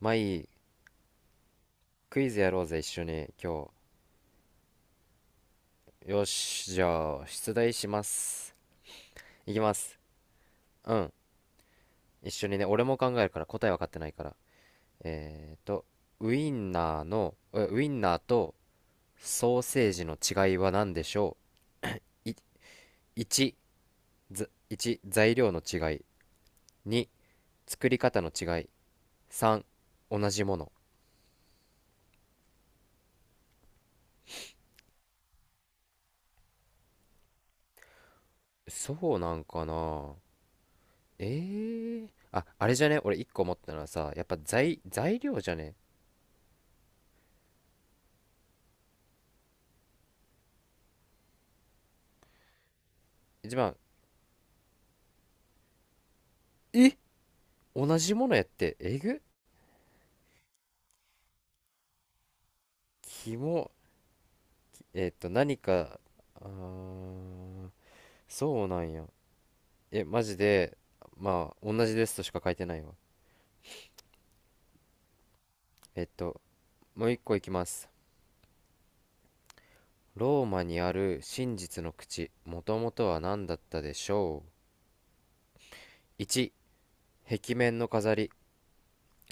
まあいい。クイズやろうぜ、一緒に、今日。よし、じゃあ、出題します。いきます。うん。一緒にね、俺も考えるから、答え分かってないから。えーと、ウインナーとソーセージの違いは何でしょう？1、1、材料の違い。2、作り方の違い。3、同じもの。そうなんかな。あ、あれじゃね？俺1個思ったのはさ、やっぱ材料じゃね？一番、え同じものやってえぐキモえっと何かあーそうなんやマジで。まあ同じですとしか書いてないわ。えっともう一個いきます。ローマにある真実の口、もともとは何だったでしょう？1、壁面の飾り。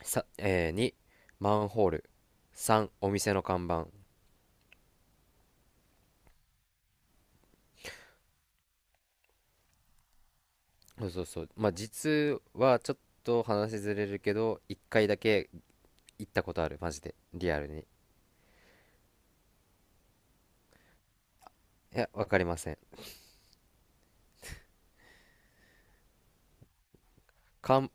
さ、えー2、マンホール。3、お店の看板。そうそうそう。まあ実はちょっと話ずれるけど、1回だけ行ったことある、マジでリアルに。いや、わかりません。看、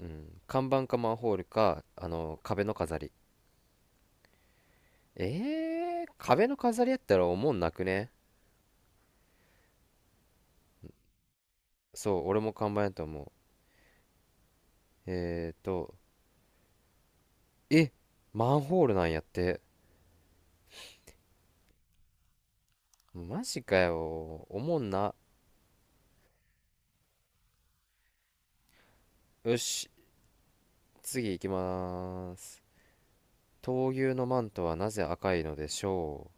うん、看板かマンホールか、あの、壁の飾り。壁の飾りやったらおもんなくね？そう、俺も看板やと思う。えーと、え、マンホールなんやって。マジかよ。おもんな。よし、次行きます。闘牛のマントはなぜ赤いのでしょ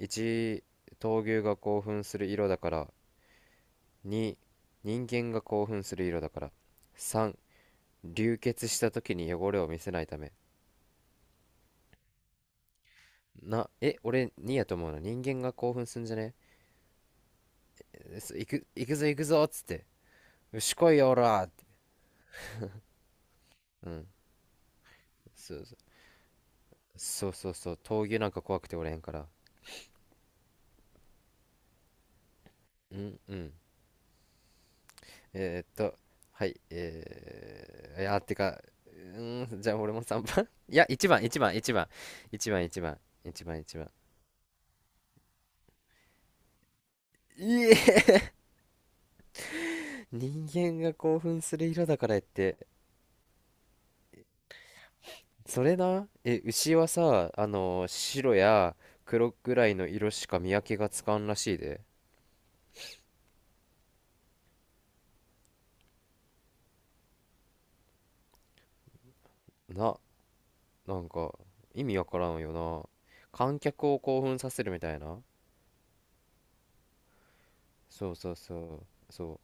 う？ 1、闘牛が興奮する色だから。2、人間が興奮する色だから。3、流血した時に汚れを見せないため。俺にやと思うの、人間が興奮すんじゃね？行くぞ行くぞっつって、よし来いよおらーって。うん。そうそうそう。そうそう、闘牛なんか怖くておれへんから。うんうん。えーっとはい。いやてか、うじゃあ俺も3番 いや1番1番1番1番1番1番1番いちばんいちばんいちばん。いえ、人間が興奮する色だからって。それな、え、牛はさ、あの、白や黒くらいの色しか見分けがつかんらしいで。な、なんか、意味わからんよな。観客を興奮させるみたいな。そうそうそう、そ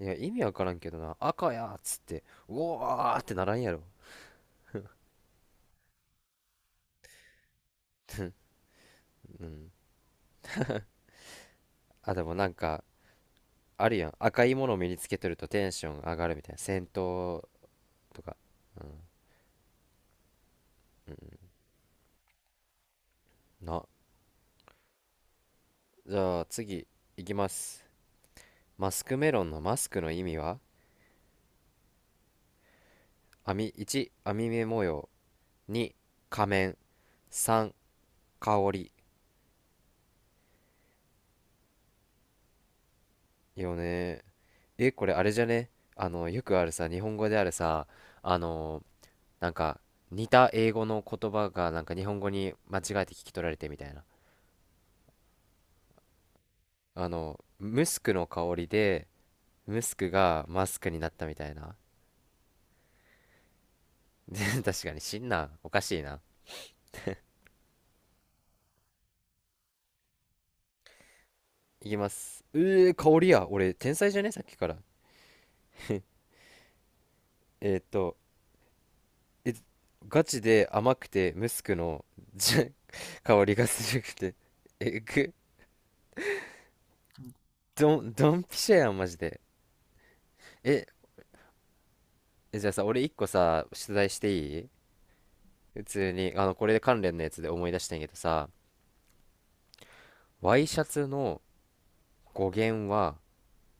う。いや、意味わからんけどな、赤やっつって、うおーってならんやろ。うん。あ、でもなんか、あるやん。赤いものを身につけてるとテンション上がるみたいな。戦闘とか。うん。うん。な、じゃあ次、いきます。マスクメロンのマスクの意味は？網編み目模様、2、仮面、3、香り。いいよね。これあれじゃね？あのよくあるさ、日本語であるさ、あのなんか似た英語の言葉がなんか日本語に間違えて聞き取られてみたいな。あのムスクの香りで、ムスクがマスクになったみたいな。確かに死んなおかしいな。いきます。うえー香りや。俺天才じゃね、さっきから。えーっとえ、ガチで甘くてムスクのじ 香りがするくて。え、ぐ、ドン、ドンピシャやん、マジで。え、じゃあさ、俺一個さ、出題していい？普通に、あの、これで関連のやつで思い出したんやけどさ、ワイシャツの語源は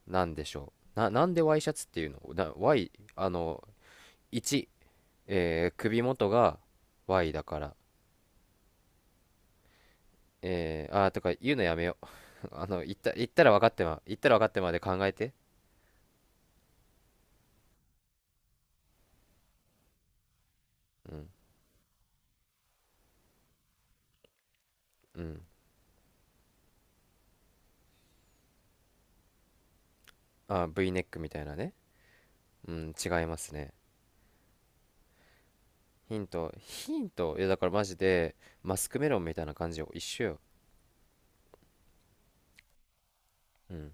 何でしょう？な、なんでワイシャツっていうのな、Y、あの、1、首元が Y だから。とか言うのやめよう。あの、言ったら分かってまで考えて。うん、うん。あ、V ネックみたいなね。うん、違いますね。ヒント、ヒント、いやだからマジで、マスクメロンみたいな感じよ。一緒よ。うん。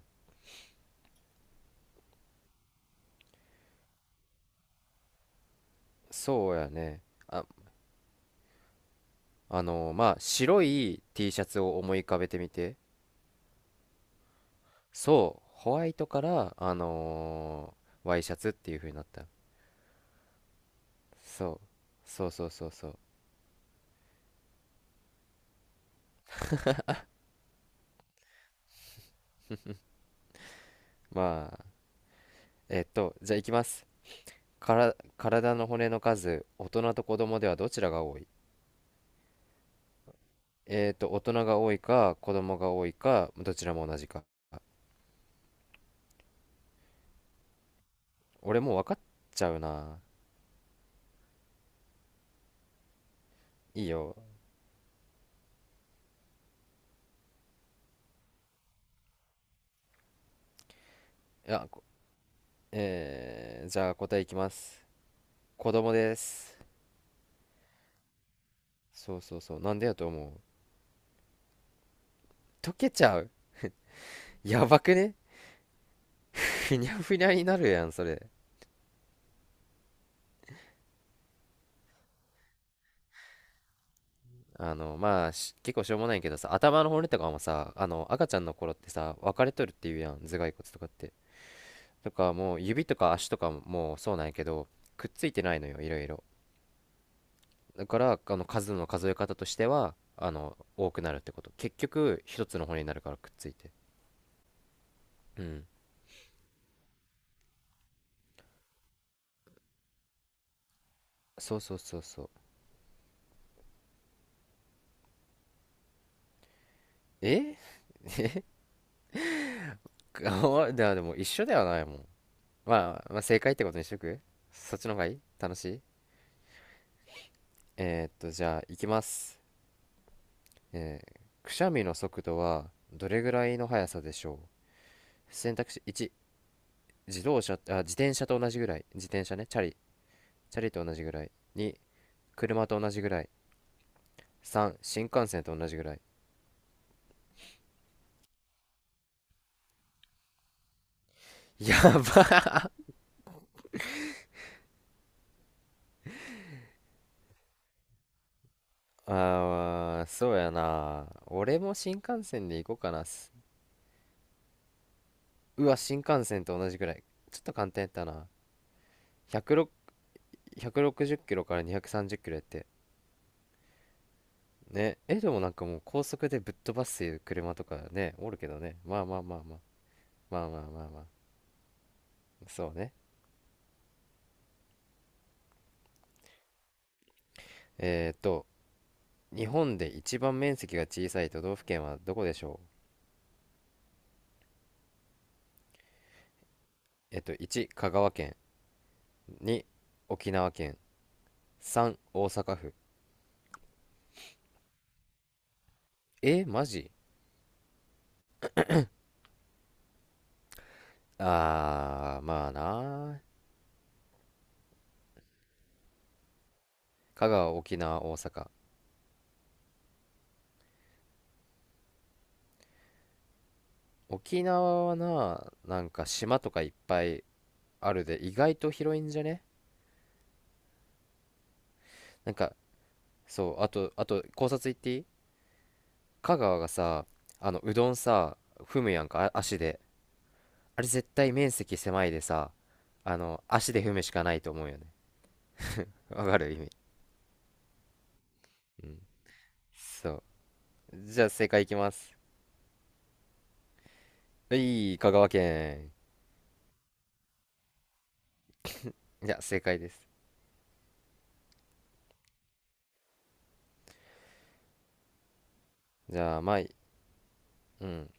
そうやね。あ、あのーまあ、白い T シャツを思い浮かべてみて。そう、ホワイトから、あのーワイシャツっていう風になった。そう、そうそうそうそう。まあ、じゃあいきます。から、体の骨の数、大人と子供ではどちらが多い？大人が多いか、子供が多いか、どちらも同じか。俺もう分かっちゃうな。いいよ。いや、こえー、じゃあ答えいきます。子供です。そうそうそう。なんでやと思う？溶けちゃう。やばくね？ふにゃふにゃになるやん、それ。あの、まあ、結構しょうもないけどさ、頭の骨とかもさ、あの、赤ちゃんの頃ってさ、分かれとるっていうやん、頭蓋骨とかって。とか、もう指とか足とかももうそうなんやけど、くっついてないのよ、いろいろ。だから、あの、数の数え方としては、あの、多くなるってこと。結局、一つの骨になるからくっついて。うん、そうそうそうそう。えあで でも一緒ではないもん。まあ、まあ正解ってことにしとく。そっちの方がいい、楽しい。じゃあ行きます。くしゃみの速度はどれぐらいの速さでしょう？選択肢、1、自転車と同じぐらい、自転車ね、チャリ、チャリと同じぐらい。2、車と同じぐらい。3、新幹線と同じぐらい。やばい。そうやな、俺も新幹線で行こうかなうわ、新幹線と同じぐらい。ちょっと簡単やったな。106 160キロから230キロやって。ねえ、でもなんかもう高速でぶっ飛ばす車とかねおるけどね、まあまあまあまあ、まあまあまあまあ。そうね。えっと日本で一番面積が小さい都道府県はどこでしょう？1、香川県。2、沖縄県。3、大阪府。マジ？まあな。香川、沖縄、大阪。沖縄はな、なんか島とかいっぱいあるで、意外と広いんじゃね？なんか、そう、あと、考察行っていい？香川がさ、あの、うどんさ、踏むやんか、足で。あれ絶対面積狭いでさ、あの、足で踏むしかないと思うよね。わかる、意味。うん。そう。じゃあ正解いきます。はい、香川県。いや、正解です。じゃあ、まあ、うん。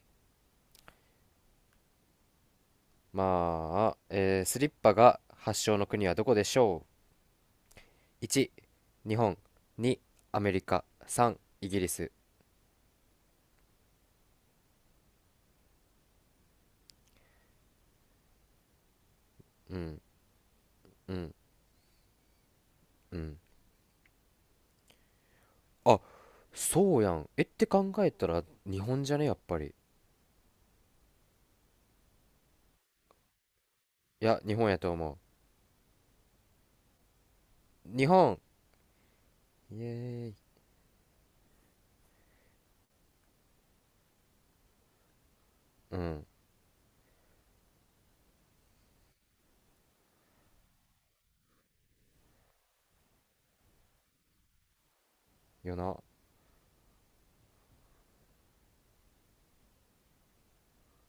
まあ、スリッパが発祥の国はどこでしょう？1、日本。2、アメリカ。3、イギリス。うんうんうん。あそうやん、って考えたら日本じゃねやっぱり。いや、日本やと思う。日本。イエーイ。うん、よな